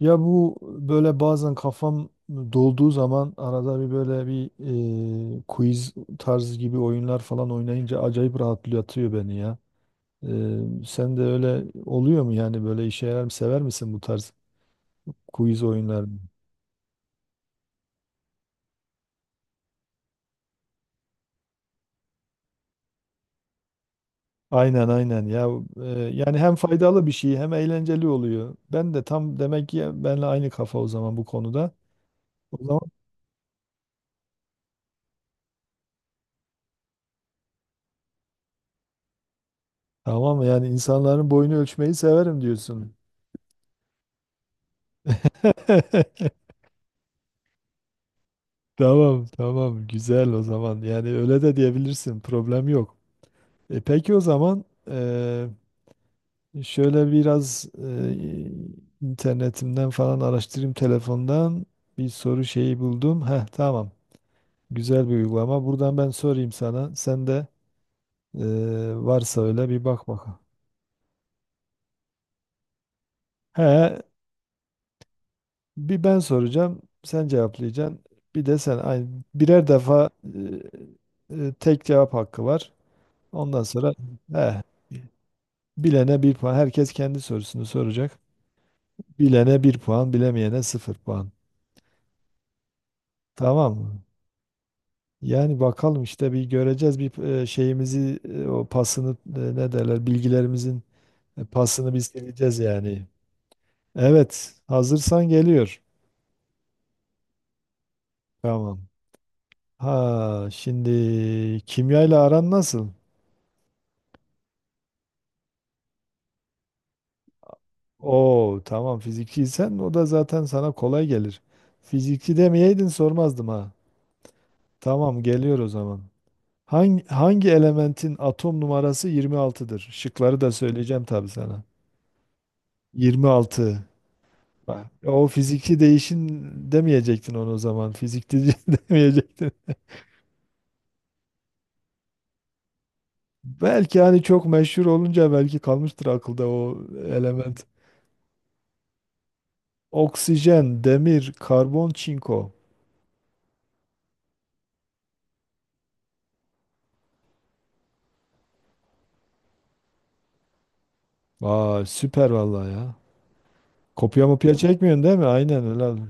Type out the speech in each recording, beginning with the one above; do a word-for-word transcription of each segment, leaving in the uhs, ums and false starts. Ya bu böyle bazen kafam dolduğu zaman arada bir böyle bir e, quiz tarzı gibi oyunlar falan oynayınca acayip rahatlatıyor beni ya. E, sen de öyle oluyor mu yani böyle işe yarar mı sever misin bu tarz quiz oyunlarını? Aynen aynen ya, e, yani hem faydalı bir şey hem eğlenceli oluyor. Ben de tam demek ki benle aynı kafa o zaman bu konuda. O zaman tamam, yani insanların boyunu ölçmeyi severim diyorsun. Tamam tamam, güzel o zaman, yani öyle de diyebilirsin, problem yok. E, peki o zaman e, şöyle biraz e, internetimden falan araştırayım telefondan bir soru şeyi buldum. Heh tamam, güzel bir uygulama buradan ben sorayım sana, sen de e, varsa öyle bir bak bakalım. He, bir ben soracağım, sen cevaplayacaksın, bir de sen aynı, birer defa e, e, tek cevap hakkı var ondan sonra he. Bilene bir puan. Herkes kendi sorusunu soracak. Bilene bir puan, bilemeyene sıfır puan. Tamam mı? Yani bakalım işte bir göreceğiz bir e, şeyimizi e, o pasını e, ne derler, bilgilerimizin e, pasını biz sileceğiz yani. Evet, hazırsan geliyor. Tamam. Ha, şimdi kimyayla aran nasıl? Oo, tamam, fizikçiysen o da zaten sana kolay gelir. Fizikçi demeyeydin sormazdım ha. Tamam, geliyor o zaman. Hangi, hangi elementin atom numarası yirmi altıdır? Şıkları da söyleyeceğim tabii sana. yirmi altı. Bak, o fiziki değişin demeyecektin onu o zaman. Fizikte demeyecektin. Belki hani çok meşhur olunca belki kalmıştır akılda o element. Oksijen, demir, karbon, çinko. Vay süper vallahi ya. Kopya mopya çekmiyorsun değil mi? Aynen öyle.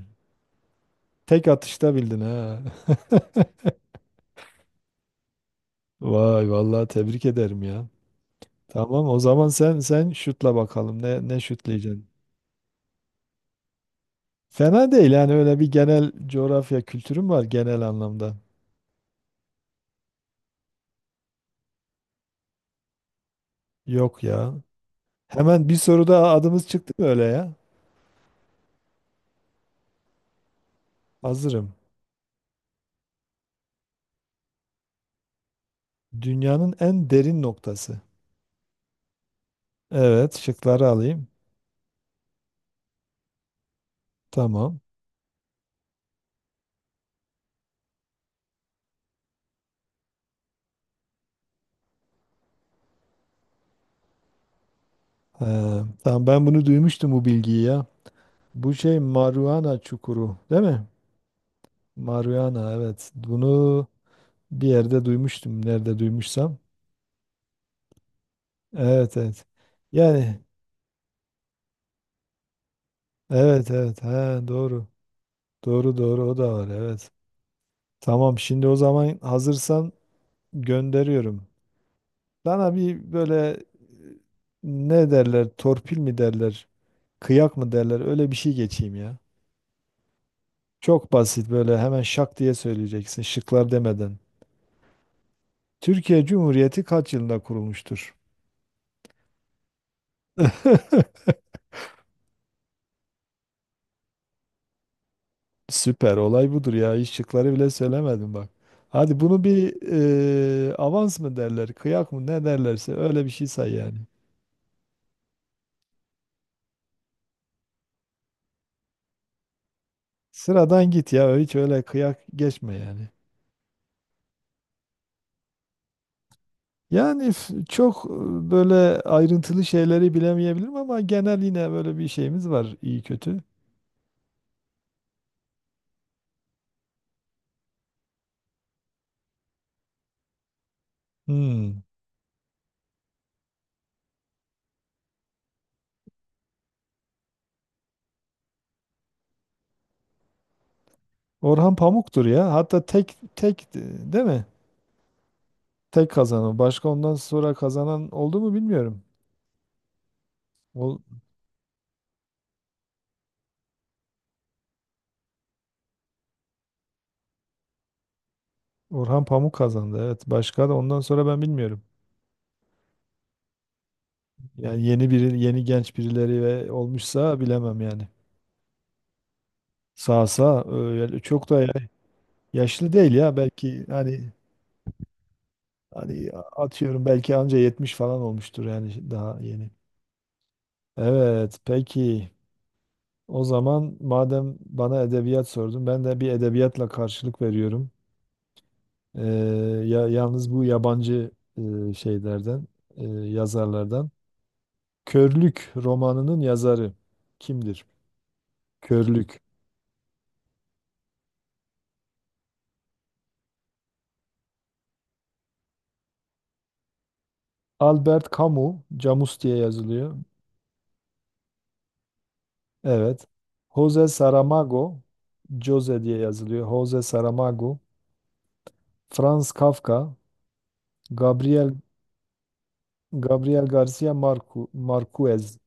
Tek atışta bildin ha. Vay vallahi tebrik ederim ya. Tamam, o zaman sen sen şutla bakalım ne ne şutlayacaksın. Fena değil, yani öyle bir genel coğrafya kültürüm var genel anlamda. Yok ya. Hemen bir soruda adımız çıktı mı öyle ya? Hazırım. Dünyanın en derin noktası. Evet, şıkları alayım. Tamam. Ee, tamam, ben bunu duymuştum bu bilgiyi ya. Bu şey Mariana Çukuru, değil mi? Mariana, evet. Bunu bir yerde duymuştum. Nerede duymuşsam. Evet, evet. Yani evet evet, he, doğru. Doğru doğru, o da var, evet. Tamam, şimdi o zaman hazırsan gönderiyorum. Bana bir böyle e, ne derler, torpil mi derler, kıyak mı derler, öyle bir şey geçeyim ya. Çok basit, böyle hemen şak diye söyleyeceksin şıklar demeden. Türkiye Cumhuriyeti kaç yılında kurulmuştur? Süper, olay budur ya, hiç şıkları bile söylemedim bak. Hadi bunu bir e, avans mı derler, kıyak mı, ne derlerse öyle bir şey say yani. Sıradan git ya, hiç öyle kıyak geçme yani. Yani f- çok e, böyle ayrıntılı şeyleri bilemeyebilirim, ama genel yine böyle bir şeyimiz var iyi kötü. Hmm. Orhan Pamuk'tur ya. Hatta tek tek e, değil mi? Tek kazanan. Başka ondan sonra kazanan oldu mu bilmiyorum. Ol- Orhan Pamuk kazandı. Evet. Başka da ondan sonra ben bilmiyorum. Yani yeni biri, yeni genç birileri ve olmuşsa bilemem yani. Sağ sağ, öyle çok da ya- yaşlı değil ya belki, hani, hani atıyorum belki anca yetmiş falan olmuştur yani daha yeni. Evet, peki. O zaman madem bana edebiyat sordun, ben de bir edebiyatla karşılık veriyorum. Ee, Ya yalnız bu yabancı e, şeylerden, e, yazarlardan. Körlük romanının yazarı kimdir? Körlük. Albert Camus, Camus diye yazılıyor. Evet. Jose Saramago, Jose diye yazılıyor. Jose Saramago, Franz Kafka, Gabriel Gabriel Garcia Marcu, Marquez.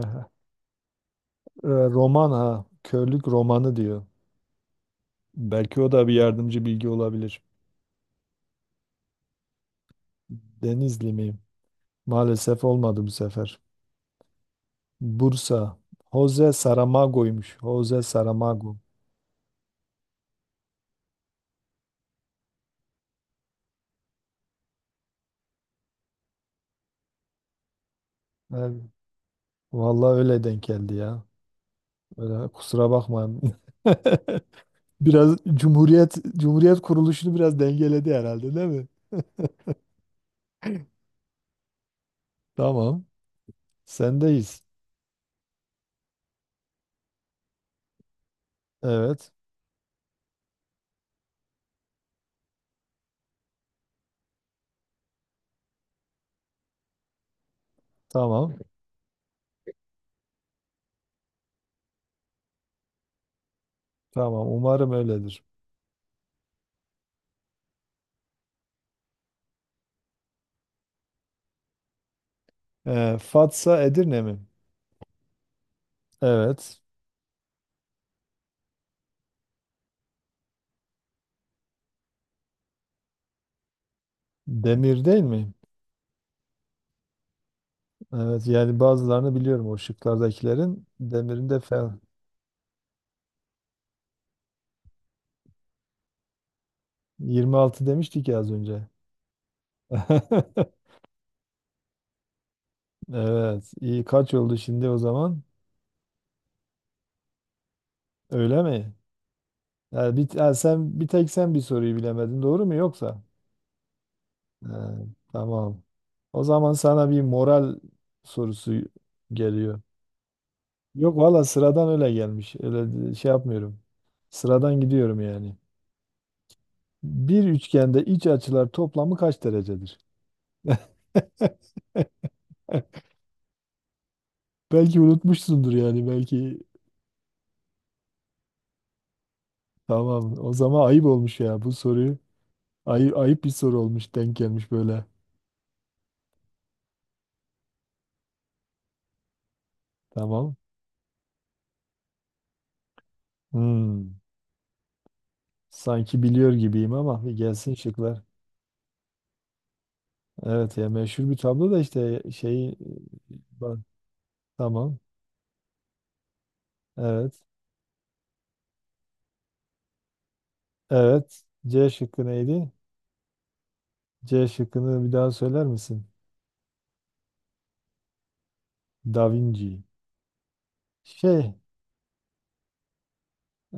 Aha. Ee, Roman ha. Körlük romanı diyor. Belki o da bir yardımcı bilgi olabilir. Denizli miyim? Maalesef olmadı bu sefer. Bursa. Jose Saramago'ymuş. Jose Saramago. Evet. Vallahi öyle denk geldi ya. Öyle, kusura bakmayın. Biraz Cumhuriyet Cumhuriyet kuruluşunu biraz dengeledi herhalde değil mi? Tamam. Sendeyiz. Evet. Tamam. Tamam. Umarım öyledir. Ee, Fatsa Edirne mi? Evet. Demir değil mi? Evet, yani bazılarını biliyorum o şıklardakilerin. Demir'in de fel. yirmi altı demiştik ya az önce. Evet. İyi, kaç oldu şimdi o zaman? Öyle mi? Yani bir, ha, sen bir tek, sen bir soruyu bilemedin, doğru mu yoksa? Ha, tamam. O zaman sana bir moral sorusu geliyor. Yok valla, sıradan öyle gelmiş. Öyle şey yapmıyorum. Sıradan gidiyorum yani. Bir üçgende iç açılar toplamı kaç derecedir? Belki unutmuşsundur yani belki. Tamam. O zaman ayıp olmuş ya bu soruyu. Ayıp, ayıp bir soru olmuş, denk gelmiş böyle. Tamam. Hmm. Sanki biliyor gibiyim ama bir gelsin şıklar. Evet ya, meşhur bir tablo da işte şeyi e, bak tamam. Evet. Evet. C şıkkı neydi? C şıkkını bir daha söyler misin? Da Vinci. Şey,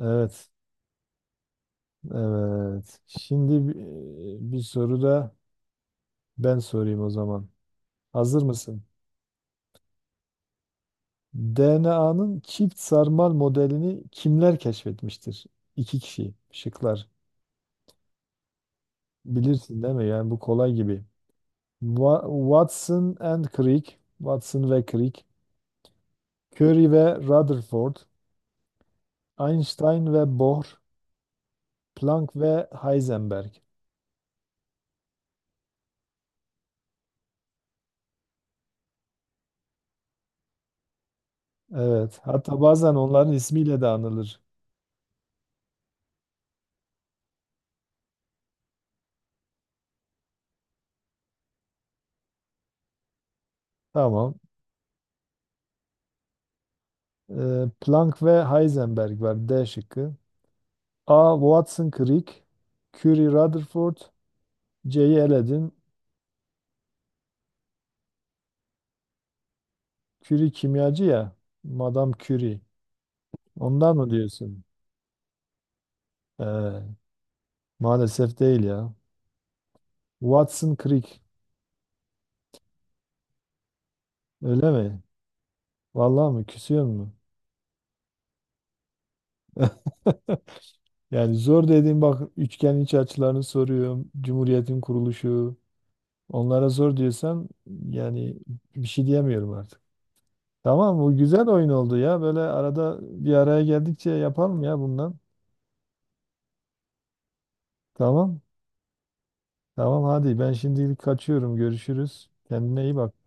evet. Evet. Şimdi bi- bir soru da ben sorayım o zaman. Hazır mısın? D N A'nın çift sarmal modelini kimler keşfetmiştir? İki kişi. Şıklar. Bilirsin değil mi? Yani bu kolay gibi. Wa- Watson and Crick. Watson ve Crick. Curie ve Rutherford. Einstein ve Bohr. Planck ve Heisenberg. Evet. Hatta bazen onların ismiyle de anılır. Tamam. Ee, Planck ve Heisenberg var D şıkkı. A. Watson Crick, Curie Rutherford, C'yi eledin. Curie kimyacı ya. Madame Curie. Ondan mı diyorsun? Ee, Maalesef değil ya. Watson Crick. Öyle mi? Vallahi mi? Küsüyor mu? Yani zor dediğim bak, üçgen iç açılarını soruyorum. Cumhuriyetin kuruluşu. Onlara zor diyorsan yani bir şey diyemiyorum artık. Tamam, bu güzel oyun oldu ya. Böyle arada bir araya geldikçe yapalım ya bundan. Tamam. Tamam, hadi ben şimdilik kaçıyorum. Görüşürüz. Kendine iyi bak.